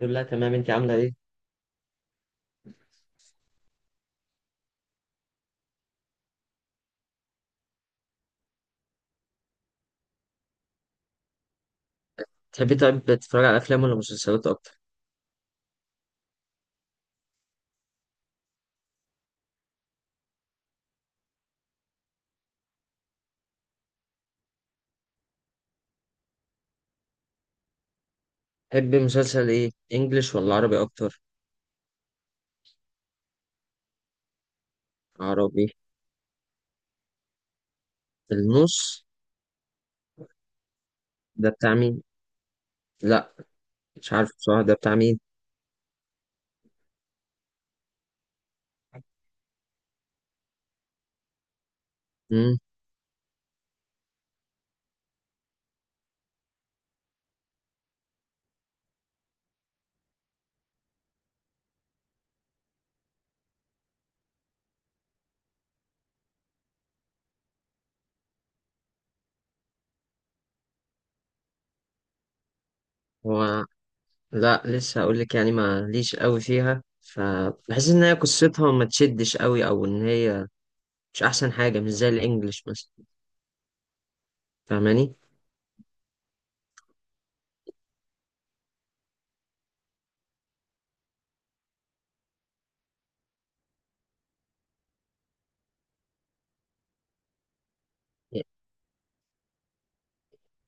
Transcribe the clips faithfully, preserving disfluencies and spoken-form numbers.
الحمد لله، تمام. انت عامله ايه؟ تحبي طيب تتفرج على افلام ولا مسلسلات اكتر؟ تحبي مسلسل ايه، انجليش ولا عربي اكتر؟ عربي. النص. ده بتاع مين؟ لا، مش عارف بصراحه ده بتاع مين. امم. هو. لا، لسه هقول لك يعني، ما ليش قوي فيها، فبحس ان هي قصتها ما تشدش قوي، او ان هي مش احسن حاجه، مش زي الانجليش مثلا. فاهماني؟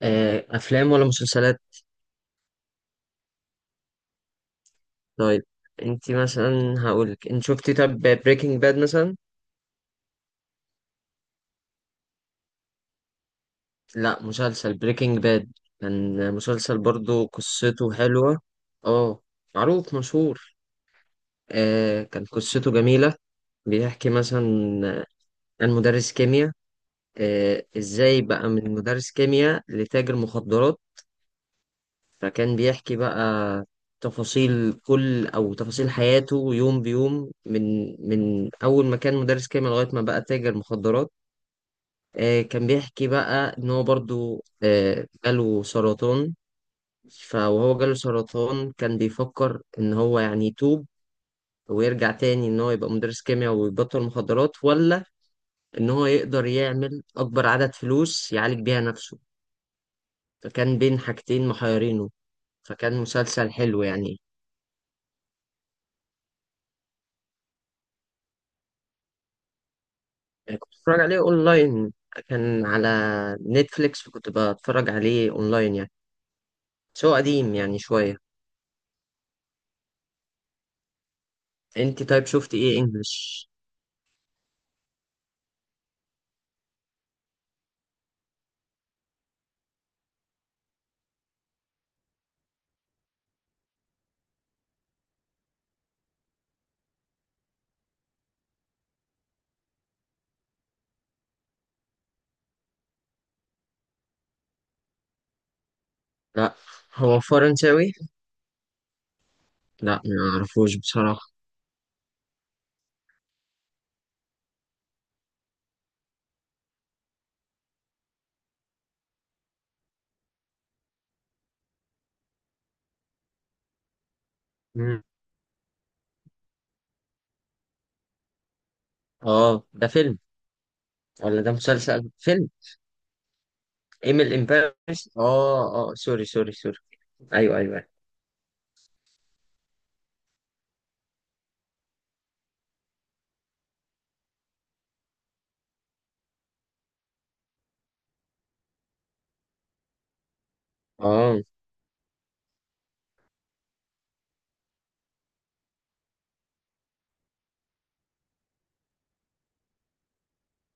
آه، افلام ولا مسلسلات؟ طيب. انت مثلا هقول لك، انت شفتي طب بريكنج باد مثلا؟ لا، مسلسل بريكنج باد. كان مسلسل، برضو قصته حلوة. اه. معروف، مشهور. آه كان قصته جميلة. بيحكي مثلا، آه، عن مدرس كيمياء. آه ازاي بقى من مدرس كيمياء لتاجر مخدرات؟ فكان بيحكي بقى تفاصيل كل، او تفاصيل حياته، يوم بيوم، من من اول ما كان مدرس كيمياء لغاية ما بقى تاجر مخدرات. آه كان بيحكي بقى ان هو برضو آه جاله سرطان. فوهو جاله سرطان، كان بيفكر ان هو يعني يتوب، ويرجع تاني ان هو يبقى مدرس كيمياء ويبطل مخدرات، ولا ان هو يقدر يعمل اكبر عدد فلوس يعالج بيها نفسه. فكان بين حاجتين محيرينه. فكان مسلسل حلو يعني. يعني كنت بتفرج عليه اونلاين. كان على نتفليكس، فكنت بتفرج عليه اونلاين يعني. بس هو قديم يعني شوية. انت طيب، شفت ايه انجلش؟ لا، هو فرنساوي. لا، ما اعرفوش بصراحة. مم. اه، ده فيلم؟ ولا ده مسلسل فيلم؟ ايميل ان باريس؟ اه، اه، سوري، سوري، سوري. ايوه، ايوه، أيوه. اه،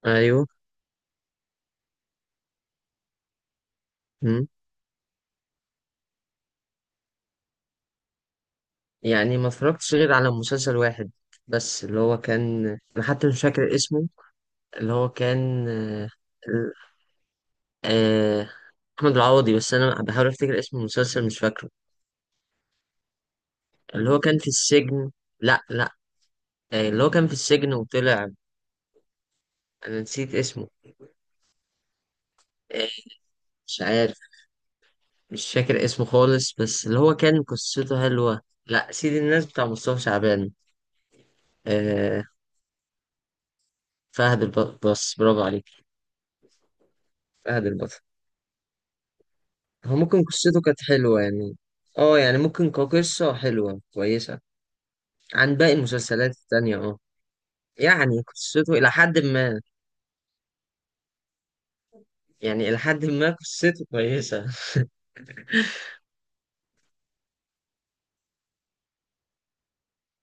ايوه. مم. يعني ما اتفرجتش غير على مسلسل واحد، بس اللي هو كان. انا حتى مش فاكر اسمه. اللي هو كان آه، آه، احمد العوضي، بس انا بحاول افتكر اسم المسلسل مش فاكره. اللي هو كان في السجن. لا، لا. آه، اللي هو كان في السجن وطلع. انا نسيت اسمه. آه، مش عارف. مش فاكر اسمه خالص، بس اللي هو كان قصته حلوة، لا سيد الناس بتاع مصطفى شعبان. آه، فهد البطل، برافو عليك. فهد البطل. هو ممكن قصته كانت حلوة يعني. اه، يعني ممكن كقصة حلوة كويسة. عن باقي المسلسلات التانية، اه. يعني قصته إلى حد ما. يعني إلى حد ما قصته كويسة.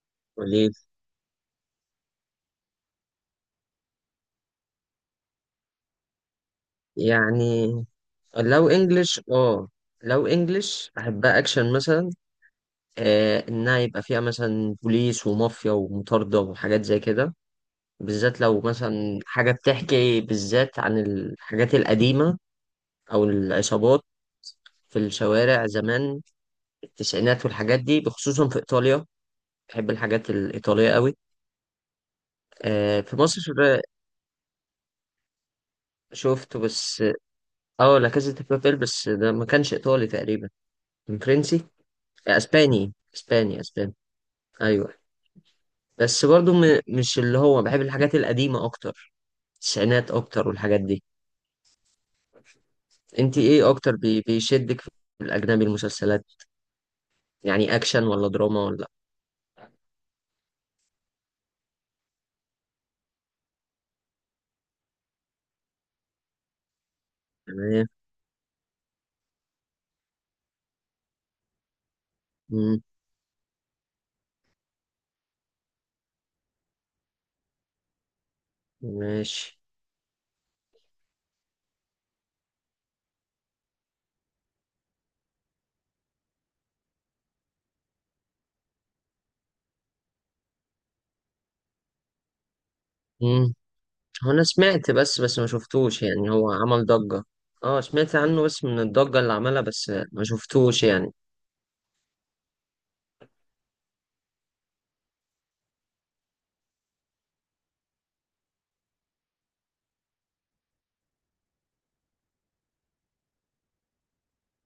وليه؟ يعني لو انجلش، اه، لو انجلش احبها اكشن مثلا. آه، انها يبقى فيها مثلا بوليس ومافيا ومطاردة وحاجات زي كده. بالذات لو مثلا حاجة بتحكي بالذات عن الحاجات القديمة، او العصابات في الشوارع زمان، التسعينات والحاجات دي، بخصوصا في ايطاليا. بحب الحاجات الايطالية قوي. آه، في مصر. شفته بس. اه، لا كازا دي بابيل، بس ده ما كانش ايطالي تقريبا. كان فرنسي. آه، اسباني اسباني اسباني. ايوه. بس برضو م- مش اللي هو بحب الحاجات القديمة اكتر، التسعينات اكتر والحاجات دي. انت ايه اكتر بي- بيشدك في الاجنبي، المسلسلات؟ يعني اكشن ولا دراما ولا؟ تمام. مم. ماشي. مم. هو انا سمعت بس، بس ما شفتوش يعني، هو عمل ضجة. اه، سمعت عنه بس من الضجة اللي عملها، بس ما شفتوش يعني.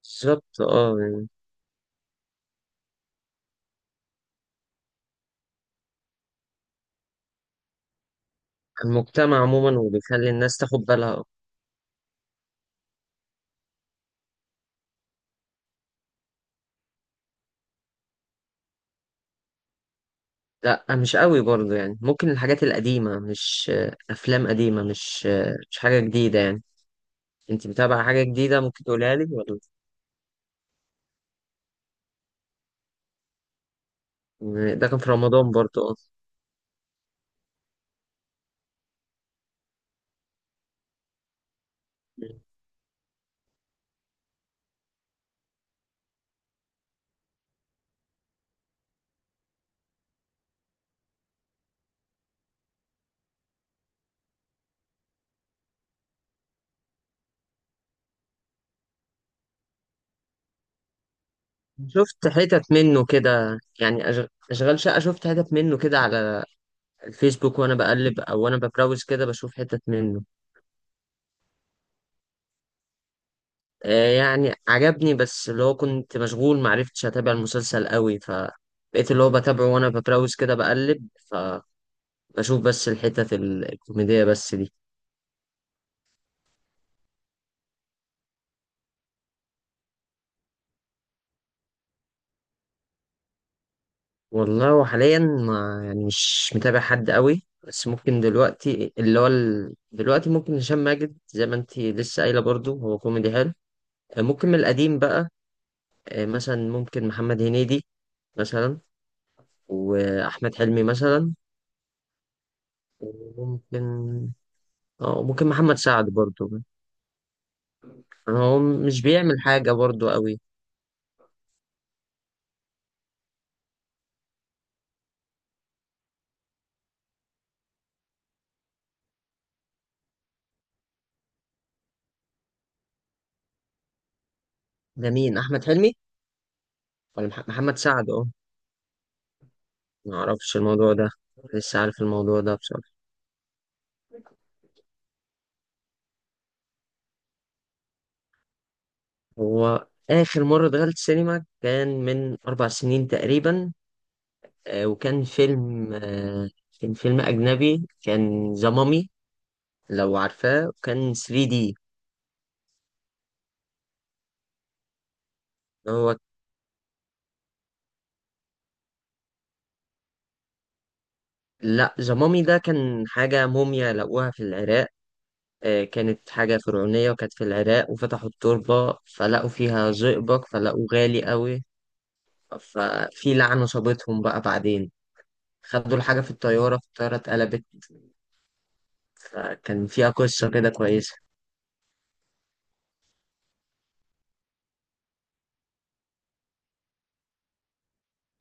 بالظبط، اه، يعني المجتمع عموما، وبيخلي الناس تاخد بالها. لا، مش قوي برضه يعني، ممكن الحاجات القديمة مش آه، افلام قديمة مش آه، مش حاجة جديدة يعني. انت متابعة حاجة جديدة ممكن تقولها لي ولا؟ ده كان في رمضان برضه. اه، شفت حتت منه كده يعني، أش- اشغال شقة، شفت حتت منه كده على الفيسبوك وانا بقلب، او وانا ببراوز كده، بشوف حتت منه. آه، يعني عجبني، بس اللي هو كنت مشغول، معرفتش اتابع المسلسل قوي، فبقيت اللي هو بتابعه وانا ببراوز كده بقلب، فبشوف بس الحتت ال- الكوميدية بس دي. والله، وحاليا ما يعني مش متابع حد قوي، بس ممكن دلوقتي اللي هو ال... دلوقتي ممكن هشام ماجد زي ما انتي لسه قايلة، برضو هو كوميدي حلو. آه، ممكن من القديم بقى، آه، مثلا ممكن محمد هنيدي مثلا، واحمد حلمي مثلا، وممكن. اه، ممكن محمد سعد برضو. يعني هو مش بيعمل حاجه برضو قوي. ده مين، احمد حلمي ولا مح- محمد سعد؟ اه. ما اعرفش الموضوع ده. لسه عارف الموضوع ده بصراحه. هو اخر مره دخلت سينما كان من اربع سنين تقريبا. آه، وكان فيلم آه، كان فيلم اجنبي، كان ذا مامي، لو عارفاه، كان ثري دي. هو، لا زمامي ده كان حاجة موميا لقوها في العراق. آه، كانت حاجة فرعونية، وكانت في العراق، وفتحوا التربة فلقوا فيها زئبق، فلقوه غالي قوي. ففي لعنة صابتهم بقى بعدين، خدوا الحاجة في الطيارة، في الطيارة اتقلبت. فكان فيها قصة كده كويسة.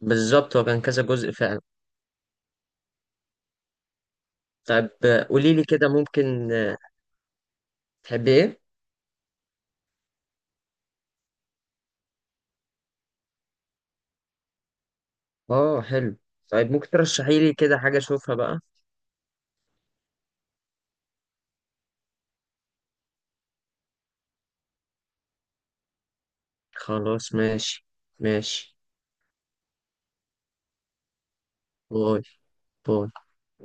بالظبط، هو كان كذا جزء فعلا. طيب، آه، قوليلي كده ممكن، آه، تحبي ايه؟ اه، حلو. طيب، ممكن ترشحيلي كده حاجة اشوفها بقى. خلاص، ماشي. ماشي. باي. باي.